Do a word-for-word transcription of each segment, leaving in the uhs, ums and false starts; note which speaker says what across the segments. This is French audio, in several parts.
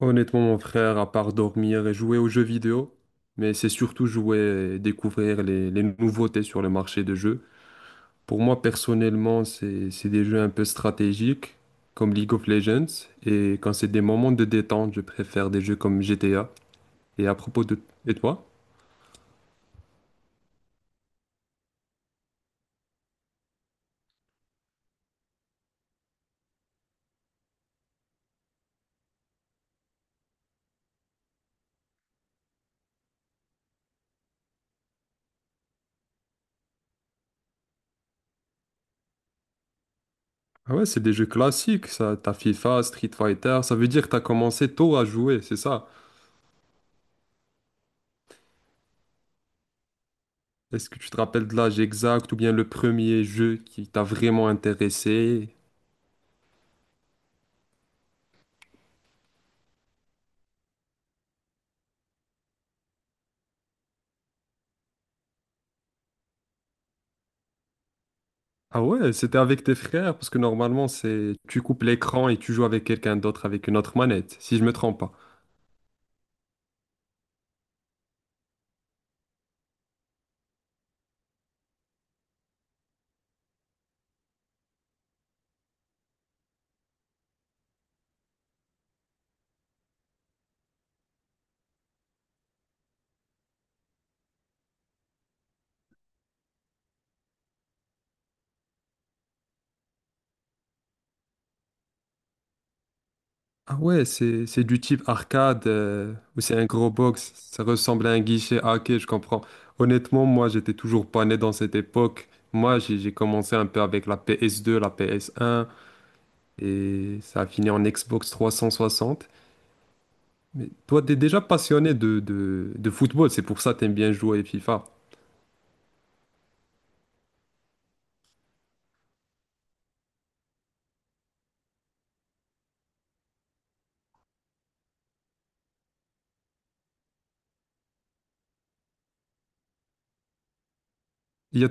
Speaker 1: Honnêtement, mon frère, à part dormir et jouer aux jeux vidéo, mais c'est surtout jouer et découvrir les, les nouveautés sur le marché de jeux. Pour moi, personnellement, c'est, c'est des jeux un peu stratégiques, comme League of Legends, et quand c'est des moments de détente, je préfère des jeux comme G T A. Et à propos de... Et toi? Ah ouais, c'est des jeux classiques, ça. T'as FIFA, Street Fighter, ça veut dire que t'as commencé tôt à jouer, c'est ça. Est-ce que tu te rappelles de l'âge exact ou bien le premier jeu qui t'a vraiment intéressé? Ah ouais, c'était avec tes frères, parce que normalement, c'est tu coupes l'écran et tu joues avec quelqu'un d'autre avec une autre manette, si je me trompe pas. Ah ouais, c'est c'est du type arcade, euh, ou c'est un gros box, ça ressemble à un guichet. Ah ok, je comprends. Honnêtement, moi, j'étais toujours pas né dans cette époque. Moi, j'ai j'ai commencé un peu avec la P S deux, la P S un, et ça a fini en Xbox trois cent soixante. Mais toi, t'es déjà passionné de, de, de football, c'est pour ça que t'aimes bien jouer à FIFA. Il y a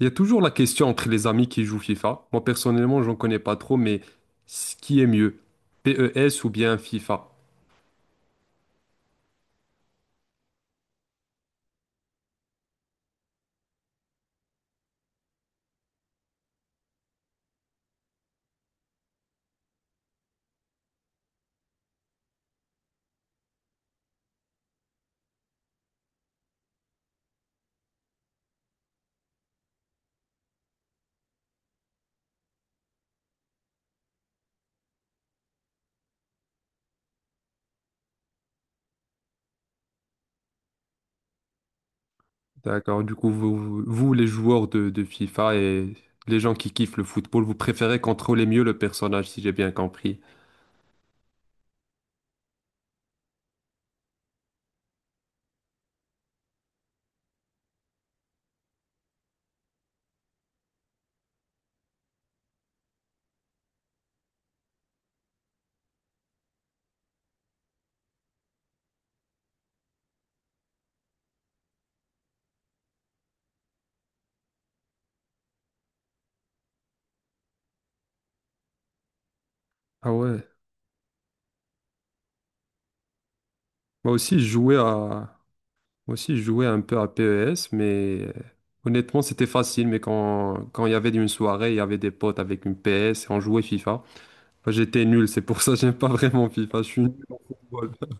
Speaker 1: Il y a toujours la question entre les amis qui jouent FIFA. Moi, personnellement, j'en connais pas trop, mais ce qui est mieux, P E S ou bien FIFA. D'accord. Du coup, vous, vous, vous, les joueurs de, de FIFA et les gens qui kiffent le football, vous préférez contrôler mieux le personnage, si j'ai bien compris. Ah ouais. Moi aussi, je jouais à, moi aussi, je jouais un peu à P E S, mais euh, honnêtement, c'était facile. Mais quand, quand il y avait une soirée, il y avait des potes avec une P S et on jouait FIFA. Enfin, j'étais nul, c'est pour ça que j'aime pas vraiment FIFA. Je suis nul en football.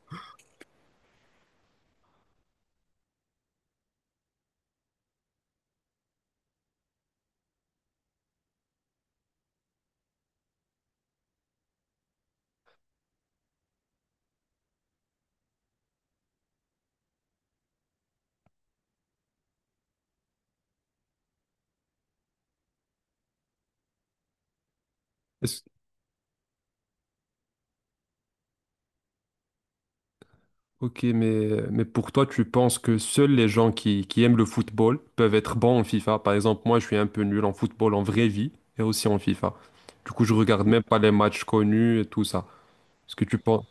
Speaker 1: Ok, mais, mais pour toi, tu penses que seuls les gens qui, qui aiment le football peuvent être bons en FIFA? Par exemple, moi, je suis un peu nul en football en vraie vie et aussi en FIFA. Du coup, je regarde même pas les matchs connus et tout ça. Est-ce que tu penses?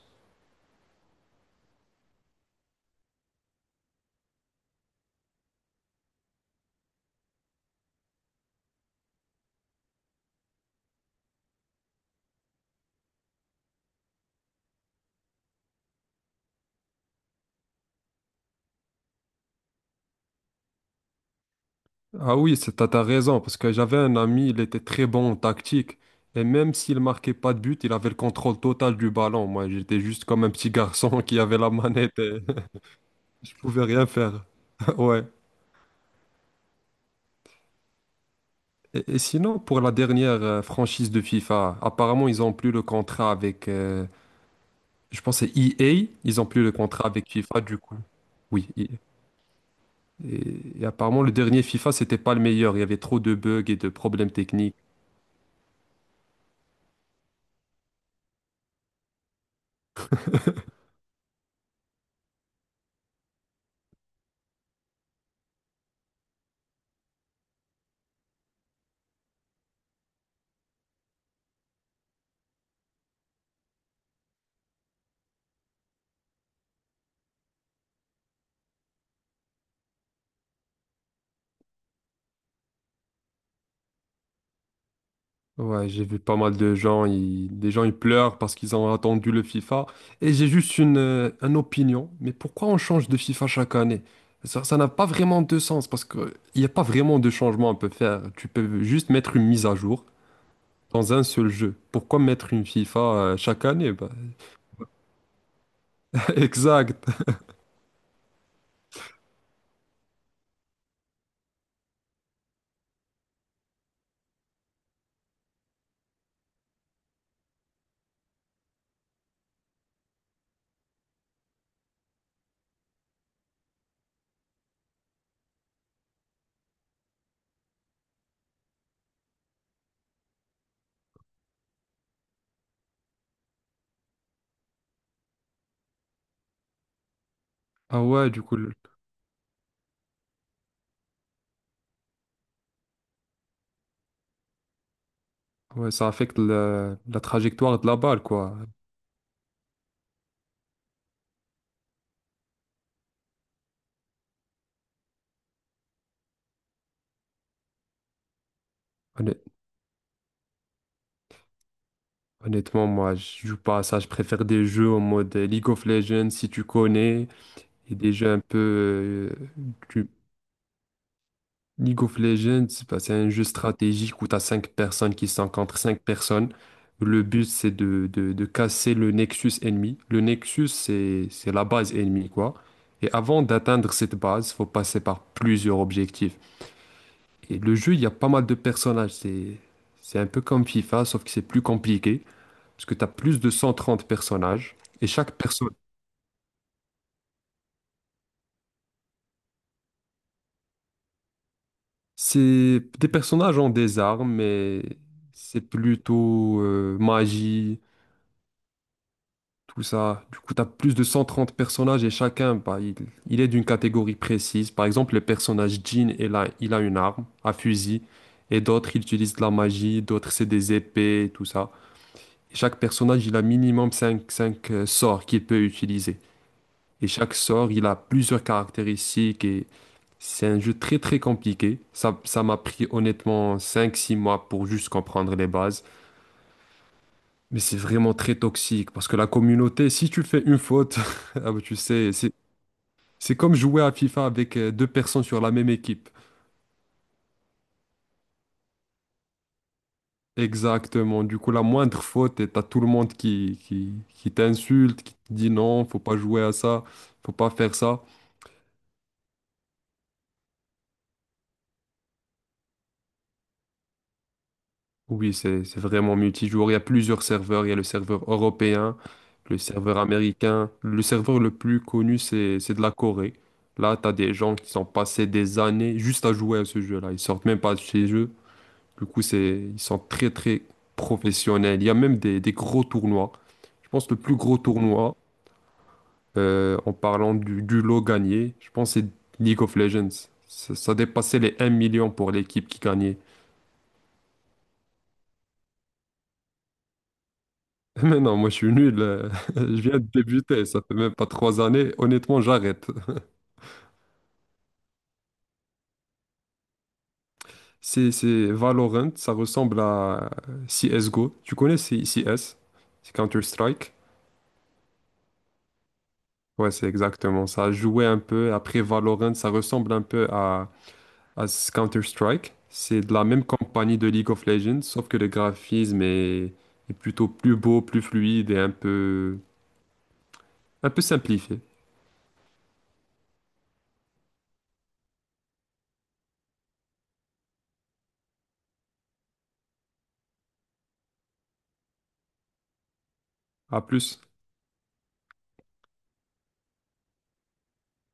Speaker 1: Ah oui, c'est- t'as, t'as raison, parce que j'avais un ami, il était très bon en tactique. Et même s'il marquait pas de but, il avait le contrôle total du ballon. Moi, j'étais juste comme un petit garçon qui avait la manette et je pouvais rien faire. Ouais. Et, et sinon, pour la dernière euh, franchise de FIFA, apparemment, ils ont plus le contrat avec, euh, je pense, que c'est E A. Ils ont plus le contrat avec FIFA, du coup. Oui. Et, et- et apparemment, le dernier FIFA, c'était pas le meilleur. Il y avait trop de bugs et de problèmes techniques. Ouais, j'ai vu pas mal de gens, ils, des gens ils pleurent parce qu'ils ont attendu le FIFA. Et j'ai juste une, euh, une opinion, mais pourquoi on change de FIFA chaque année? Ça, ça n'a pas vraiment de sens parce que il n'y a pas vraiment de changement à peut faire. Tu peux juste mettre une mise à jour dans un seul jeu. Pourquoi mettre une FIFA euh, chaque année? Bah, exact. Ah ouais, du coup, le- ouais, ça affecte la, la trajectoire de la balle, quoi. Honnêt- Honnêtement, moi, je joue pas à ça. Je préfère des jeux en mode euh, League of Legends, si tu connais, et des jeux un peu, euh, du League of Legends, bah, c'est un jeu stratégique où tu as cinq personnes qui sont contre cinq personnes. Le but, c'est de, de- de casser le nexus ennemi. Le nexus, c'est, c'est la base ennemie, quoi. Et avant d'atteindre cette base, faut passer par plusieurs objectifs. Et le jeu, il y a pas mal de personnages. C'est, c'est un peu comme FIFA, sauf que c'est plus compliqué, parce que tu as plus de cent trente personnages. Et chaque personne, c'est des personnages ont des armes, mais c'est plutôt euh, magie. Tout ça. Du coup, tu as plus de cent trente personnages et chacun, bah, il, il est d'une catégorie précise. Par exemple, le personnage Jean, il a, il a une arme, un fusil, et d'autres, ils utilisent de la magie, d'autres, c'est des épées, et tout ça. Et chaque personnage, il a minimum cinq cinq euh, sorts qu'il peut utiliser. Et chaque sort, il a plusieurs caractéristiques et c'est un jeu très très compliqué. Ça, ça m'a pris honnêtement cinq six mois pour juste comprendre les bases. Mais c'est vraiment très toxique parce que la communauté, si tu fais une faute, ah bah, tu sais, c'est c'est comme jouer à FIFA avec euh, deux personnes sur la même équipe. Exactement. Du coup, la moindre faute, et t'as tout le monde qui, qui, qui t'insulte, qui te dit non, faut pas jouer à ça, faut pas faire ça. Oui, c'est c'est vraiment multijoueur. Il y a plusieurs serveurs. Il y a le serveur européen, le serveur américain. Le serveur le plus connu, c'est c'est de la Corée. Là, t'as des gens qui sont passés des années juste à jouer à ce jeu-là. Ils sortent même pas de chez eux. Du coup, c'est, ils sont très, très professionnels. Il y a même des, des gros tournois. Je pense que le plus gros tournoi, euh, en parlant du, du lot gagné, je pense que c'est League of Legends. Ça, ça dépassait les un million pour l'équipe qui gagnait. Mais non, moi je suis nul. euh, Je viens de débuter, ça fait même pas trois années. Honnêtement, j'arrête. C'est c'est Valorant, ça ressemble à C S G O. Tu connais C- CS? C'est Counter-Strike? Ouais, c'est exactement ça. Jouer un peu. Après Valorant, ça ressemble un peu à à ce Counter-Strike. C'est de la même compagnie de League of Legends, sauf que le graphisme est, est plutôt plus beau, plus fluide et un peu, un peu simplifié. À plus.